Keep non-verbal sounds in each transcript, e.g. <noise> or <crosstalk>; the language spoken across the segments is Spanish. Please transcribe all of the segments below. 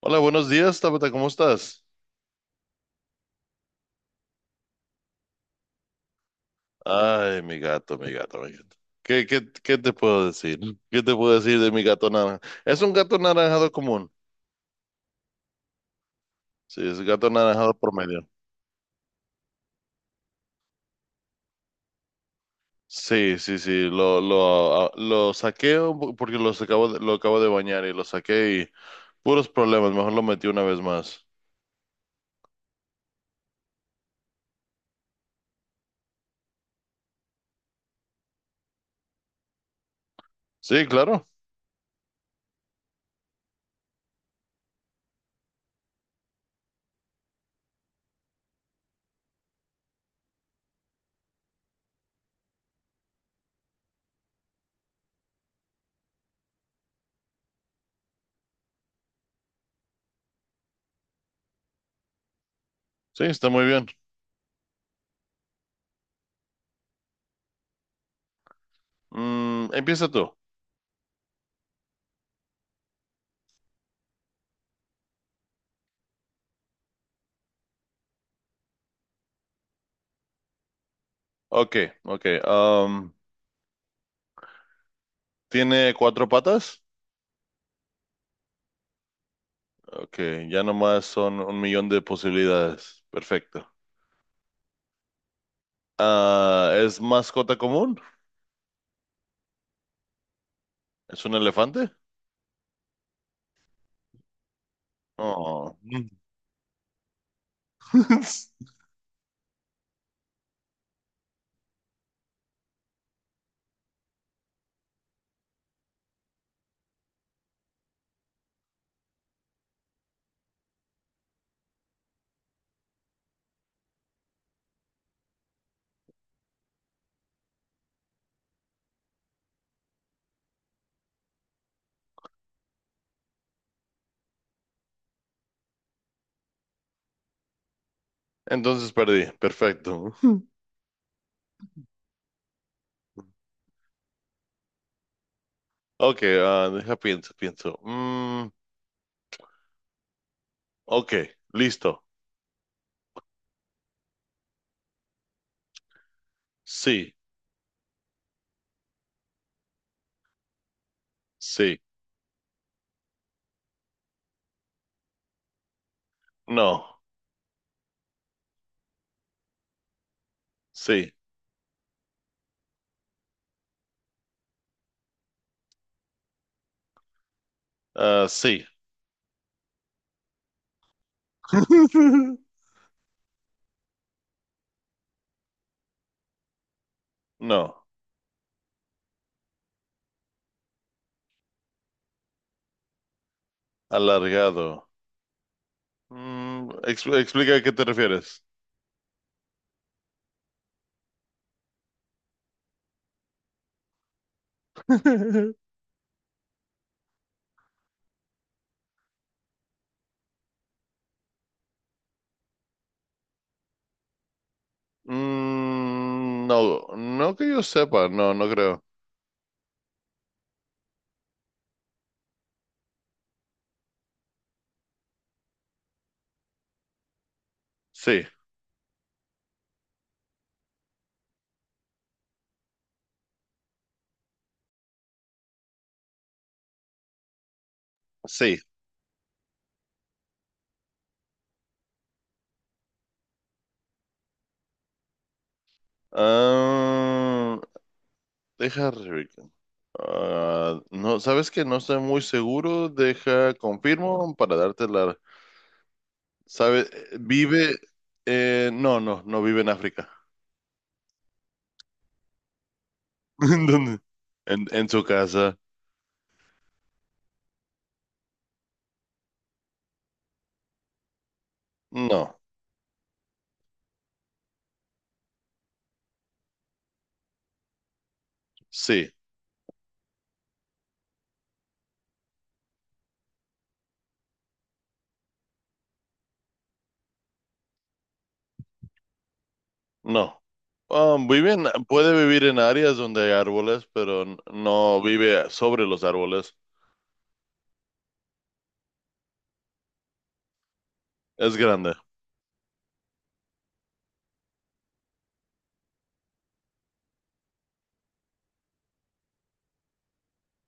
Hola, buenos días, Tabata, ¿cómo estás? Ay, mi gato, mi gato, mi gato. ¿Qué te puedo decir? ¿Qué te puedo decir de mi gato naranja? Es un gato naranjado común. Sí, es un gato naranjado promedio. Sí, sí, sí, lo saqué un porque lo acabo de bañar y lo saqué y puros problemas, mejor lo metí una vez más. Sí, claro, sí, está muy bien. Empieza tú. Ok, ok. ¿Tiene cuatro patas? Ok, ya nomás son un millón de posibilidades. Perfecto. Ah, ¿es mascota común? ¿Es un elefante? Oh. <laughs> Entonces perdí. Perfecto. <laughs> Ok, deja pienso, pienso. Ok, listo. Sí, sí, no, sí, sí, <laughs> no, alargado. Explica a qué te refieres. <laughs> No, no que yo sepa, no, no creo. Sí, sí. Ah, deja Rebeca. Ah, no, sabes que no estoy muy seguro. Deja, confirmo para darte la. ¿Sabe? Vive. No, no, no vive en África. <laughs> ¿En dónde? En su casa. No, sí, no. Ah, puede vivir en áreas donde hay árboles, pero no vive sobre los árboles. Es grande.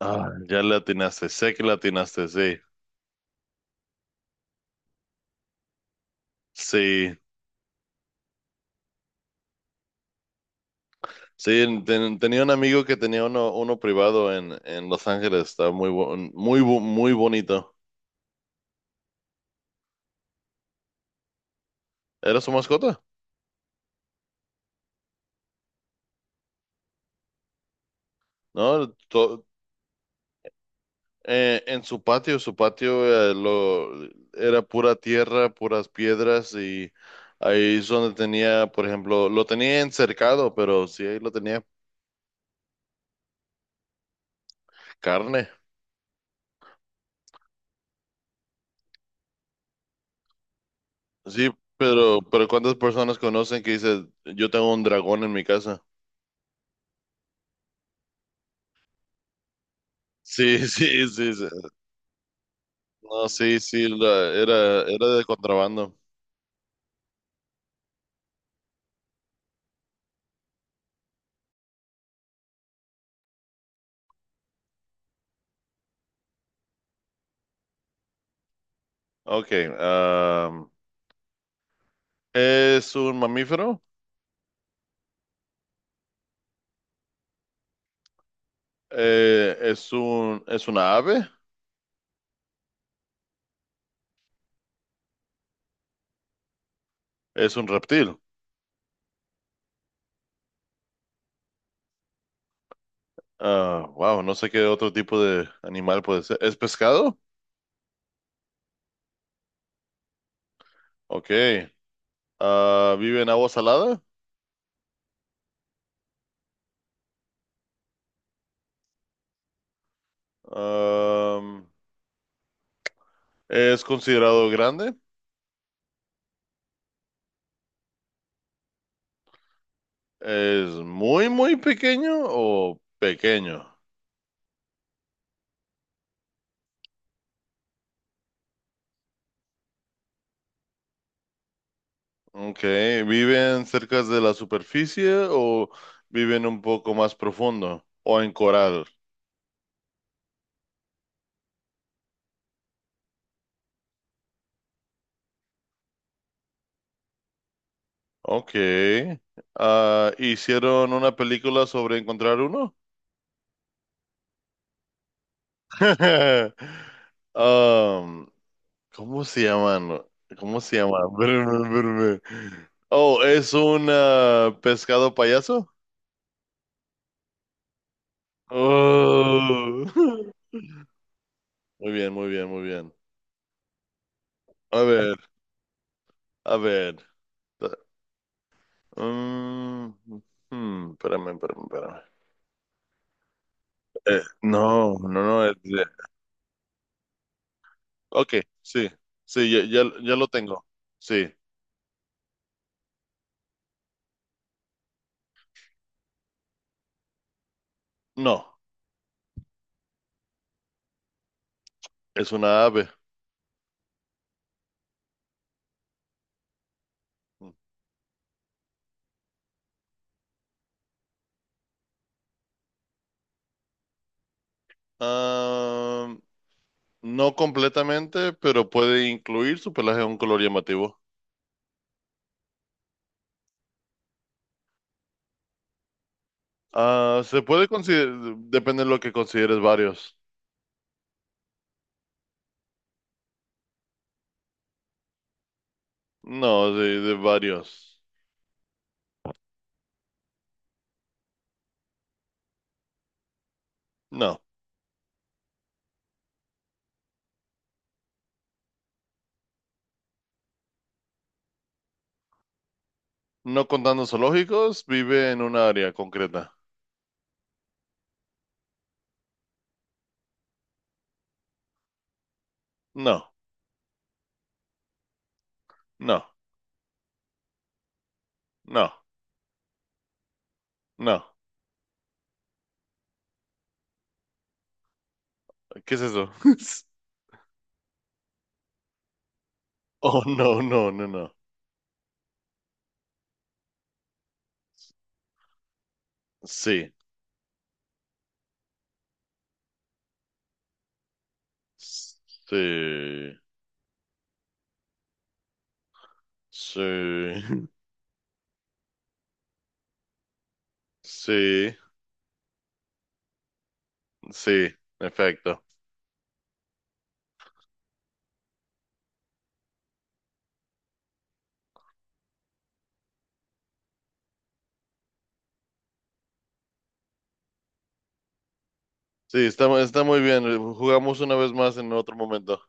Ah, ya le atinaste, sé que le atinaste, sí, sí. Sí, tenía un amigo que tenía uno, uno privado en Los Ángeles, estaba muy bonito. ¿Era su mascota? ¿No? En su patio eh, lo, era pura tierra, puras piedras y ahí es donde tenía, por ejemplo, lo tenía encercado, pero sí, ahí lo tenía carne. Sí, pero ¿cuántas personas conocen que dice, yo tengo un dragón en mi casa? Sí, <laughs> sí, sí, sí. No, sí, sí, era, era de contrabando. Ok, am, ¿es un mamífero? ¿Es un, es una ave? ¿Es un reptil? Ah, wow, no sé qué otro tipo de animal puede ser. ¿Es pescado? Ok. Ah, ¿vive en agua salada? Am, ¿Es considerado grande? ¿Es muy, muy pequeño o pequeño? Ok, ¿viven cerca de la superficie o viven un poco más profundo o en coral? Ok. Ah, hicieron una película sobre encontrar uno. <laughs> Um, ¿Cómo se llaman? ¿Cómo se llama? <laughs> Espérame, espérame. Oh, es un pescado payaso. Oh. <laughs> Muy bien, muy bien, muy bien. A ver, a ver. Mm, espérame, espérame, espérame. No, no, no. Ok, sí, sí, ya, ya, ya lo tengo. Sí, no. Es una ave. Ah, no completamente, pero puede incluir su pelaje a un color llamativo. Ah, se puede considerar, depende de lo que consideres varios. No, de varios. No, no contando zoológicos, vive en una área concreta. No, no, no, no. ¿Qué es eso? <laughs> Oh, no, no, no, no. Sí, sí, sí, <laughs> sí, sí, en efecto. Sí, está, está muy bien. Jugamos una vez más en otro momento.